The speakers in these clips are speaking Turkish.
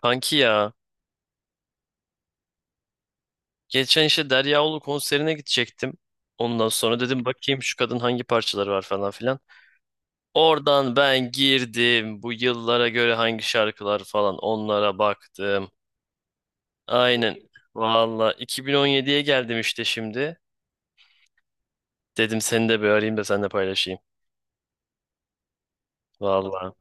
Kanki ya. Geçen işte Derya Ulu konserine gidecektim. Ondan sonra dedim bakayım şu kadın hangi parçaları var falan filan. Oradan ben girdim. Bu yıllara göre hangi şarkılar falan onlara baktım. Aynen. Valla 2017'ye geldim işte şimdi. Dedim seni de bir arayayım da seninle paylaşayım. Valla.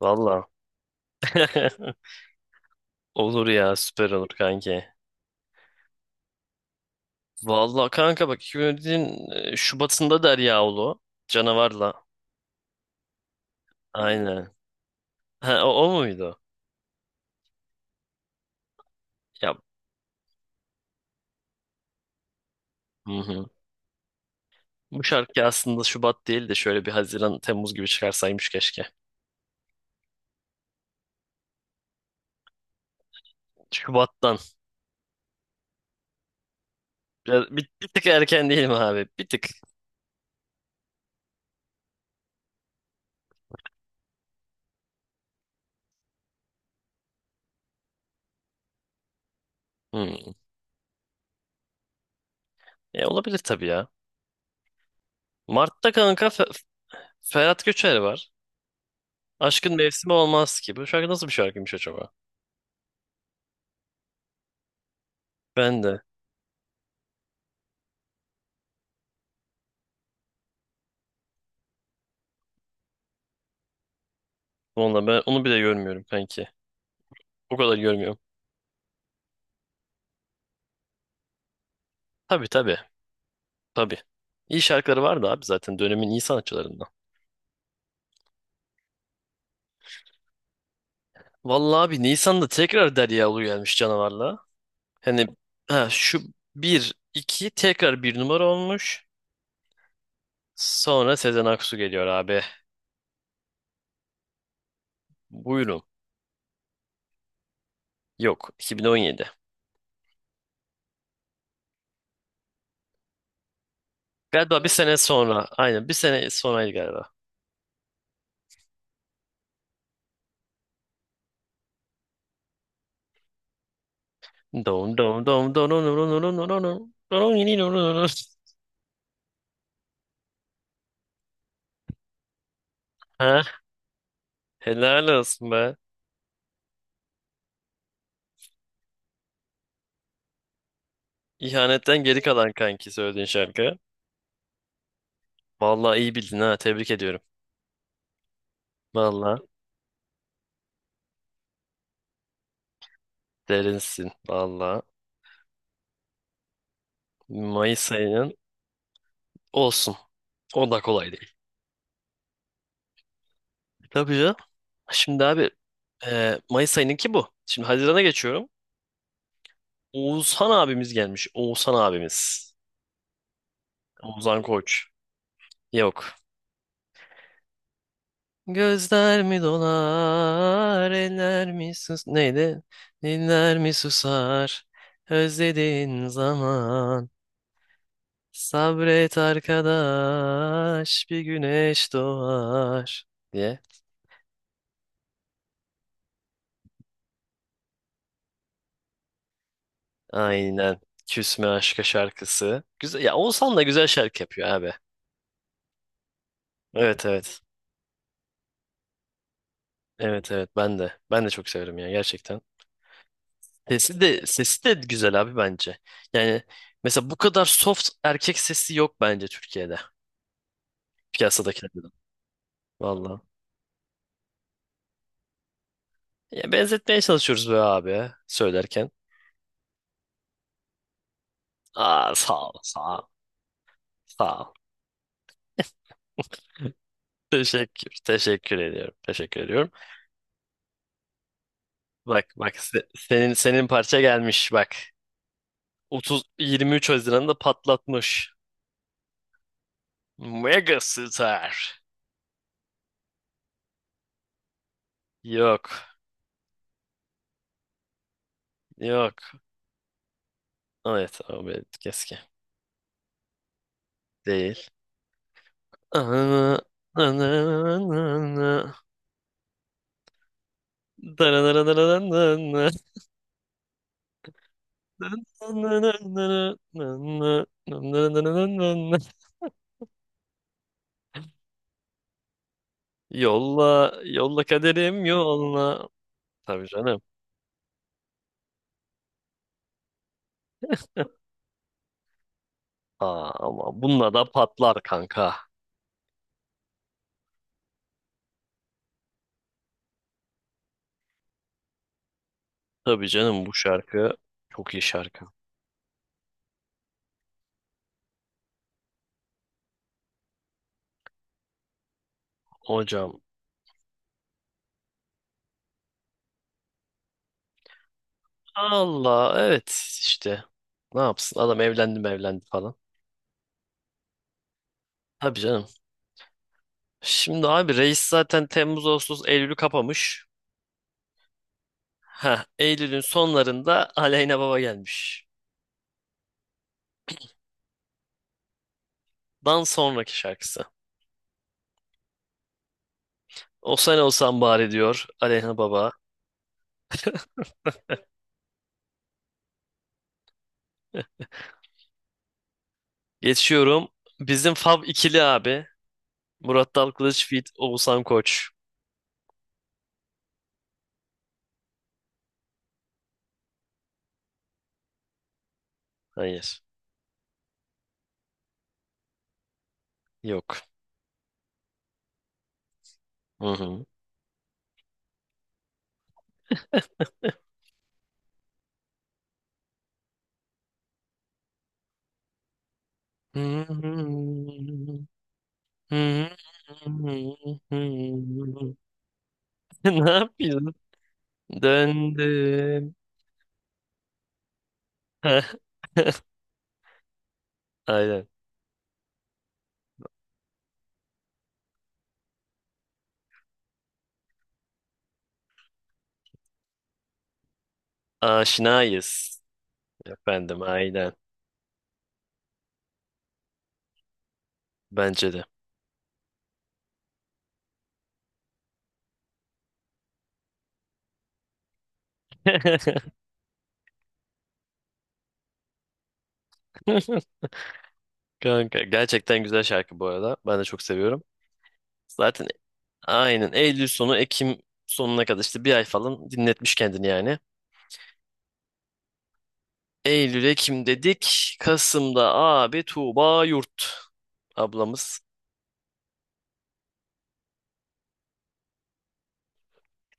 Valla. Olur ya, süper olur kanki. Valla kanka bak 2017'nin Şubat'ında Derya Ulu. Canavarla. Aynen. Ha, o, o muydu? Ya, hı hı. Bu şarkı aslında Şubat değil de şöyle bir Haziran, Temmuz gibi çıkarsaymış keşke. Şubat'tan. Biraz, bir tık erken değil mi abi? Bir tık. Hı. Olabilir tabii ya. Mart'ta kanka Ferhat Göçer var. Aşkın mevsimi olmaz ki. Bu şarkı nasıl bir şarkıymış acaba? Ben de. Valla ben onu bile görmüyorum kanki. O kadar görmüyorum. Tabii tabii. Tabii. İyi şarkıları vardı abi, zaten dönemin iyi sanatçılarından. Vallahi abi Nisan'da tekrar Derya Ulu gelmiş canavarla. Hani ha, şu bir 2 tekrar bir numara olmuş. Sonra Sezen Aksu geliyor abi. Buyurun. Yok, 2017. Galiba bir sene sonra. Aynen, bir sene sonraydı galiba. Dom dom dom dom dom dom dom dom dom dom yini dom dom dom. Ha, helal olsun be. İhanetten geri kalan kanki söylediğin şarkı. Vallahi iyi bildin ha, tebrik ediyorum. Vallahi derinsin. Vallahi Mayıs ayının olsun. O da kolay değil. Tabii ya. Şimdi abi Mayıs ayınınki bu. Şimdi Haziran'a geçiyorum. Oğuzhan abimiz gelmiş. Oğuzhan abimiz. Oğuzhan Koç. Yok. Gözler mi dolar, eller mi sus... Neydi? Diller mi susar, özlediğin zaman. Sabret arkadaş, bir güneş doğar diye. Aynen. Küsme aşka şarkısı. Güzel. Ya Oğuzhan da güzel şarkı yapıyor abi. Evet evet. Evet evet, ben de. Ben de çok severim ya, gerçekten. Sesi de güzel abi bence. Yani mesela bu kadar soft erkek sesi yok bence Türkiye'de. Piyasadakilerden. Valla. Ya, benzetmeye çalışıyoruz be abi söylerken. Aa, sağ ol, sağ ol, sağ ol. Teşekkür ediyorum. Teşekkür ediyorum. Bak bak, senin parça gelmiş bak. 30 23 Haziran'da patlatmış. Megastar. Yok. Yok. Evet abi, keskin. Değil. Yolla, yolla kaderim yolla. Tabii canım. Aa, ama bununla da patlar kanka. Tabii canım, bu şarkı çok iyi şarkı. Hocam Allah, evet işte, ne yapsın adam, evlendi mi evlendi falan. Tabii canım. Şimdi abi reis zaten Temmuz, Ağustos, Eylül'ü kapamış. Ha, Eylül'ün sonlarında Aleyna Baba gelmiş. Dan sonraki şarkısı. O sen olsan bari diyor Aleyna Baba. Geçiyorum. Bizim Fab ikili abi. Murat Dal Kılıç feat. Oğuzhan Koç. Hayır. Yok. Hı hı. Ne yapıyorsun? Döndüm. Heh, aynen. Aşinayız. Efendim, aynen. Bence de. Kanka gerçekten güzel şarkı bu arada. Ben de çok seviyorum. Zaten aynen Eylül sonu Ekim sonuna kadar işte bir ay falan dinletmiş kendini yani. Eylül Ekim dedik. Kasım'da abi Tuğba Yurt ablamız.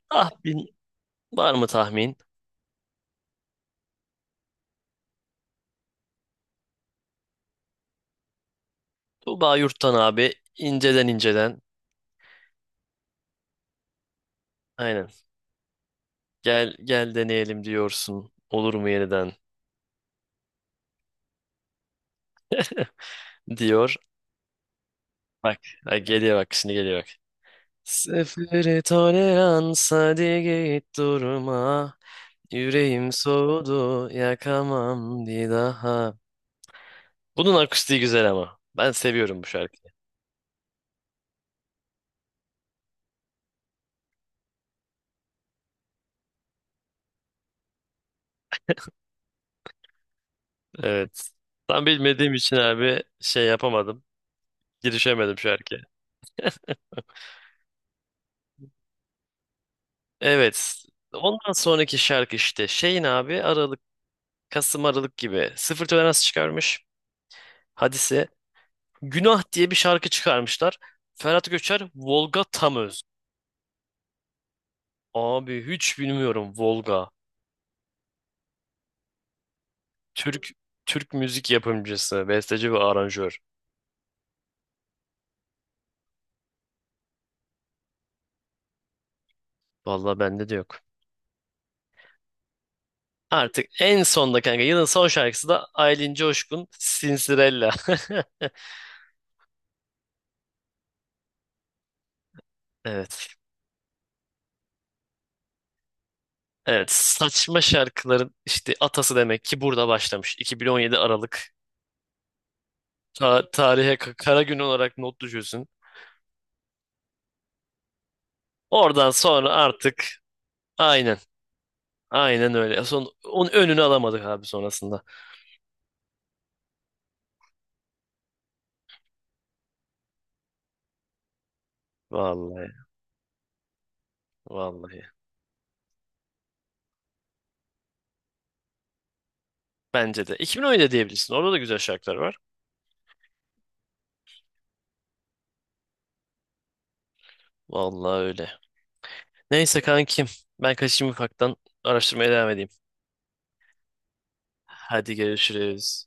Tahmin, var mı tahmin? Tuğba Yurt'tan abi inceden inceden. Aynen. Gel gel deneyelim diyorsun. Olur mu yeniden diyor. Bak, ha, geliyor bak, şimdi geliyor bak. Sıfırı tolerans, hadi git durma. Yüreğim soğudu, yakamam bir daha. Bunun akustiği güzel ama. Ben seviyorum bu şarkıyı. Evet. Tam bilmediğim için abi şey yapamadım. Girişemedim şarkıya. Evet. Ondan sonraki şarkı işte şeyin abi Aralık, Kasım Aralık gibi sıfır tolerans çıkarmış. Hadise. Günah diye bir şarkı çıkarmışlar. Ferhat Göçer, Volga Tamöz. Abi hiç bilmiyorum Volga. Türk Türk müzik yapımcısı, besteci ve aranjör. Vallahi bende de yok. Artık en sonda kanka yılın son şarkısı da Aylin Coşkun Sinsirella. Evet. Evet, saçma şarkıların işte atası demek ki burada başlamış. 2017 Aralık. Tarihe kara gün olarak not düşüyorsun. Oradan sonra artık aynen, aynen öyle. Son onun önünü alamadık abi sonrasında. Vallahi vallahi. Bence de 2017 diyebilirsin. Orada da güzel şarkılar var. Vallahi öyle. Neyse kankim, ben kaçayım ufaktan araştırmaya devam edeyim. Hadi görüşürüz.